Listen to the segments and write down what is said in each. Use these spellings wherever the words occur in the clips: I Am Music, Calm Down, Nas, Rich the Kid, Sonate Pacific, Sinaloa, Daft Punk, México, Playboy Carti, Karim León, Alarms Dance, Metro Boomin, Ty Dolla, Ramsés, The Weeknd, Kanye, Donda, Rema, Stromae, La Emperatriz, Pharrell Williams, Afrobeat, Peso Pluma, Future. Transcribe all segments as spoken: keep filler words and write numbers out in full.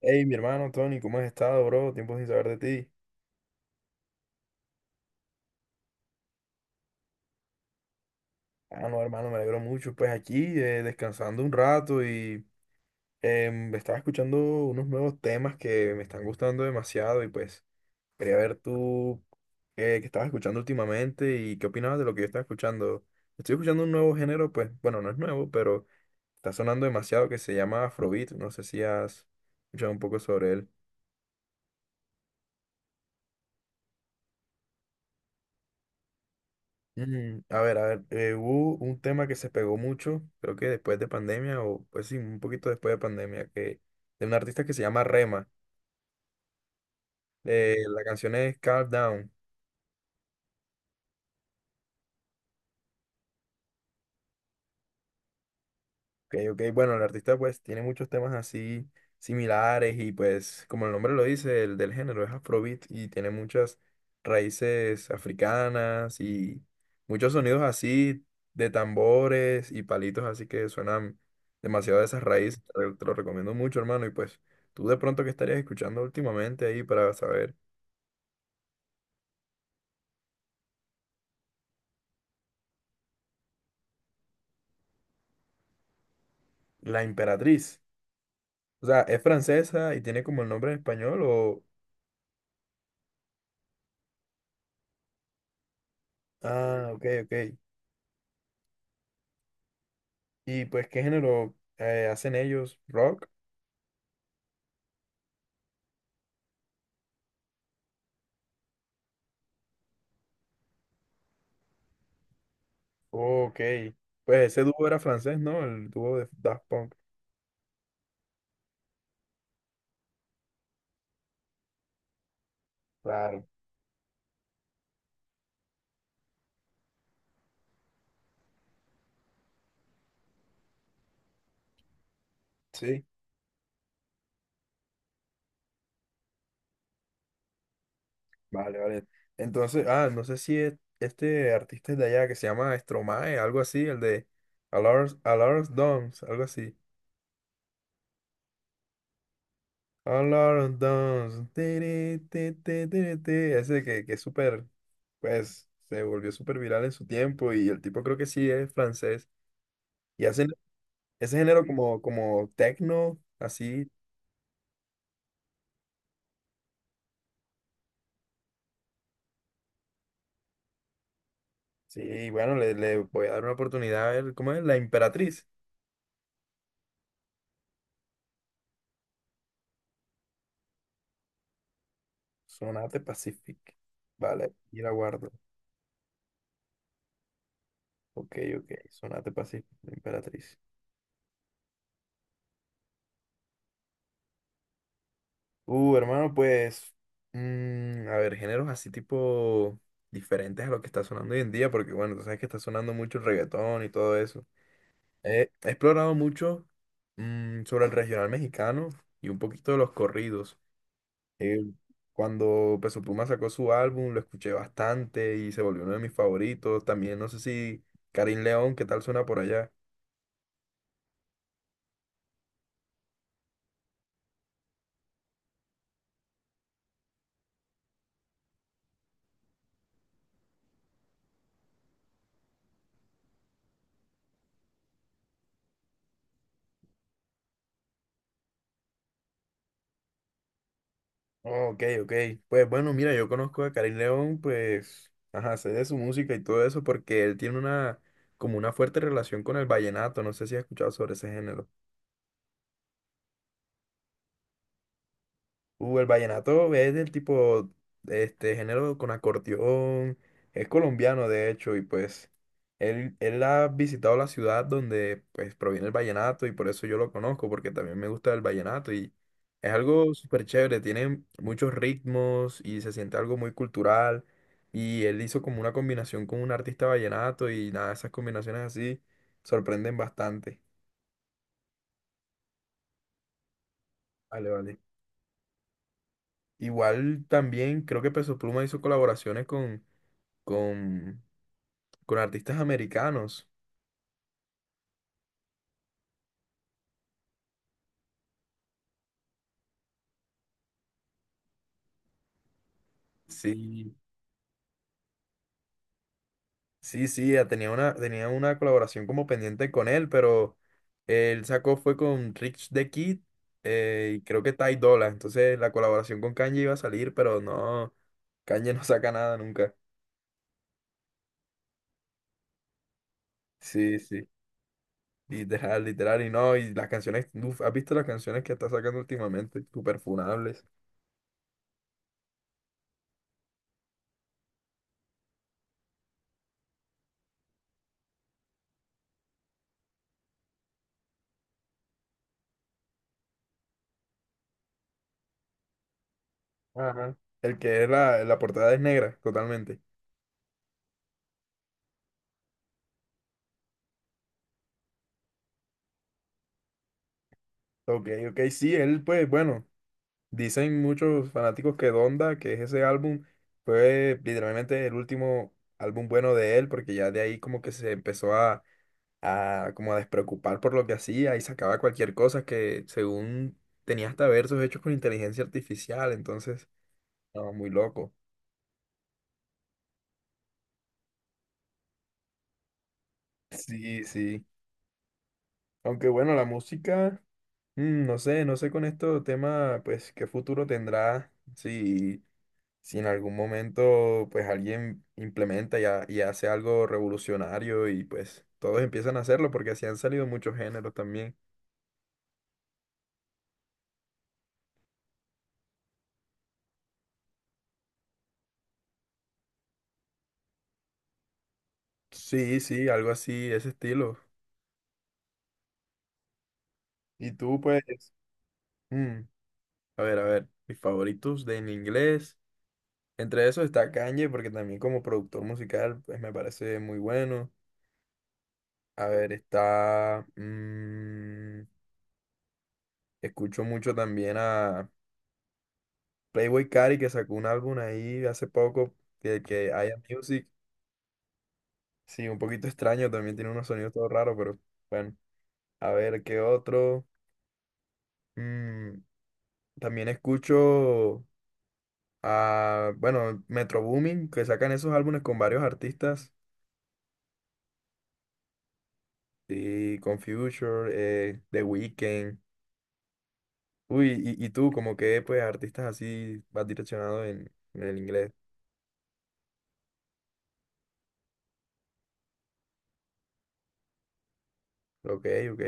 Hey, mi hermano Tony, ¿cómo has estado, bro? Tiempo sin saber de ti. Ah, no, hermano, me alegro mucho. Pues aquí, eh, descansando un rato y em, estaba escuchando unos nuevos temas que me están gustando demasiado y pues quería ver tú eh, qué estabas escuchando últimamente y qué opinabas de lo que yo estaba escuchando. Estoy escuchando un nuevo género, pues, bueno, no es nuevo, pero está sonando demasiado que se llama Afrobeat. No sé si has escuchado un poco sobre él. Mm, a ver, a ver, eh, hubo un tema que se pegó mucho, creo que después de pandemia, o pues sí, un poquito después de pandemia, que de un artista que se llama Rema. Eh, la canción es Calm Down. Ok, ok. Bueno, el artista pues tiene muchos temas así similares y pues como el nombre lo dice, el del género es Afrobeat y tiene muchas raíces africanas y muchos sonidos así de tambores y palitos así que suenan demasiado de esas raíces. Te lo te lo recomiendo mucho, hermano. Y pues tú de pronto que estarías escuchando últimamente ahí para saber. La Emperatriz. O sea, ¿es francesa y tiene como el nombre en español o...? Ah, ok, ok. ¿Y pues qué género eh, hacen ellos? ¿Rock? Ok. Pues ese dúo era francés, ¿no? El dúo de Daft Punk. Claro. Sí. Vale, vale. Entonces, ah, no sé si es- este artista es de allá que se llama Stromae, algo así, el de Alarms, Alarms Dance, algo así. Alarms Dance. Tiri, ti, ti, tiri, ti. Ese que, que es súper, pues, se volvió súper viral en su tiempo y el tipo creo que sí es francés. Y hacen ese género como, como techno, así. Sí, bueno, le, le voy a dar una oportunidad a ver cómo es la Imperatriz. Sonate Pacific. Vale, y la guardo. Ok, ok, Sonate Pacific, la Imperatriz. Uh, hermano, pues, mm, a ver, géneros así tipo diferentes a lo que está sonando hoy en día, porque bueno, tú sabes que está sonando mucho el reggaetón y todo eso. He, he explorado mucho mm, sobre el regional mexicano y un poquito de los corridos. Eh, cuando Peso Pluma sacó su álbum, lo escuché bastante y se volvió uno de mis favoritos. También no sé si Karim León, ¿qué tal suena por allá? Oh, ok, ok. Pues bueno, mira, yo conozco a Karim León, pues, ajá, sé de su música y todo eso porque él tiene una, como una fuerte relación con el vallenato. No sé si has escuchado sobre ese género. Uh, el vallenato es del tipo, este género con acordeón, es colombiano de hecho, y pues él, él ha visitado la ciudad donde pues proviene el vallenato y por eso yo lo conozco, porque también me gusta el vallenato y es algo súper chévere, tiene muchos ritmos y se siente algo muy cultural y él hizo como una combinación con un artista vallenato y nada, esas combinaciones así sorprenden bastante. Vale, vale. Igual también creo que Peso Pluma hizo colaboraciones con con, con artistas americanos. Sí, sí, sí, ya tenía una, tenía una colaboración como pendiente con él, pero él sacó fue con Rich the Kid, eh, y creo que Ty Dolla. Entonces la colaboración con Kanye iba a salir, pero no, Kanye no saca nada nunca. Sí, sí, literal, literal. Y no, y las canciones, uf, ¿has visto las canciones que está sacando últimamente? Súper funables. Ajá. El que es la, la portada es negra, totalmente. Ok, ok, sí, él pues bueno. Dicen muchos fanáticos que Donda, que es ese álbum, fue literalmente el último álbum bueno de él, porque ya de ahí como que se empezó a, a como a despreocupar por lo que hacía y sacaba cualquier cosa que según tenía hasta versos hechos con inteligencia artificial, entonces, no, muy loco. Sí, sí. Aunque bueno, la música, mm, no sé, no sé con esto tema, pues, qué futuro tendrá, si si en algún momento pues alguien implementa y, ha- y hace algo revolucionario y pues todos empiezan a hacerlo porque así han salido muchos géneros también. Sí, sí, algo así, ese estilo. Y tú pues, mm, a ver, a ver, mis favoritos de en inglés. Entre esos está Kanye porque también como productor musical pues me parece muy bueno. A ver, está... mm, escucho mucho también a Playboy Carti que sacó un álbum ahí hace poco que, que I Am Music. Sí, un poquito extraño, también tiene unos sonidos todo raros, pero bueno, a ver qué otro. Mm, también escucho a, bueno, Metro Boomin, que sacan esos álbumes con varios artistas, y con Future, eh, The Weeknd. Uy, y, y tú, como que, pues, artistas así vas direccionado en, en el inglés. Ok, ok,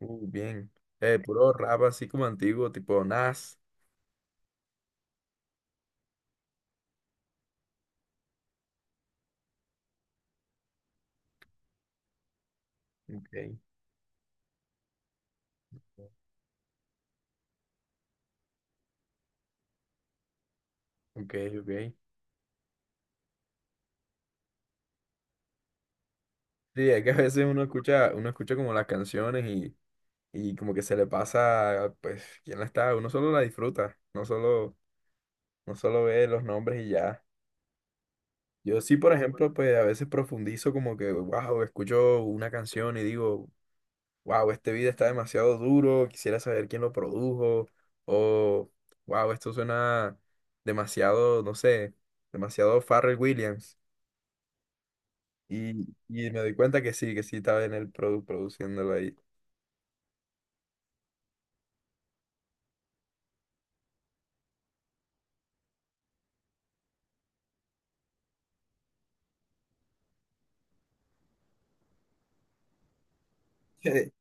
uh, bien. Eh, puro rap así como antiguo, tipo Nas. Ok, ok, ok. Sí, es que a veces uno escucha, uno escucha como las canciones y y como que se le pasa, pues, quién la está, uno solo la disfruta, no solo, no solo ve los nombres y ya. Yo sí, por ejemplo, pues a veces profundizo como que, wow, escucho una canción y digo, wow, este video está demasiado duro, quisiera saber quién lo produjo, o wow, esto suena demasiado, no sé, demasiado Pharrell Williams. Y, y me doy cuenta que sí, que sí estaba en el produ produciéndolo ahí.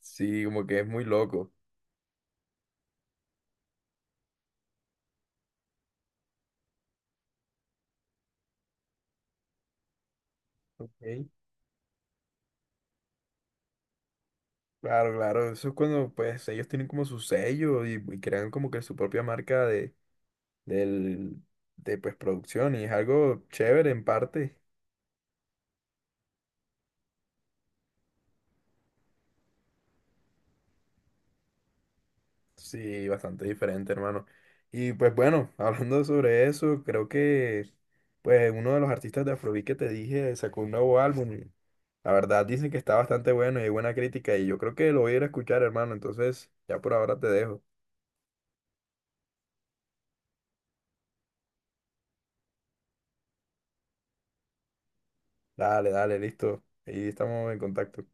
Sí, como que es muy loco. Ok. Claro, claro, eso es cuando pues ellos tienen como su sello y, y crean como que su propia marca de, del, de pues producción y es algo chévere en parte, sí, bastante diferente, hermano. Y pues bueno, hablando sobre eso, creo que pues uno de los artistas de Afrobeat que te dije sacó un nuevo álbum. Y la verdad dicen que está bastante bueno y hay buena crítica y yo creo que lo voy a ir a escuchar, hermano, entonces ya por ahora te dejo. Dale, dale, listo. Ahí estamos en contacto.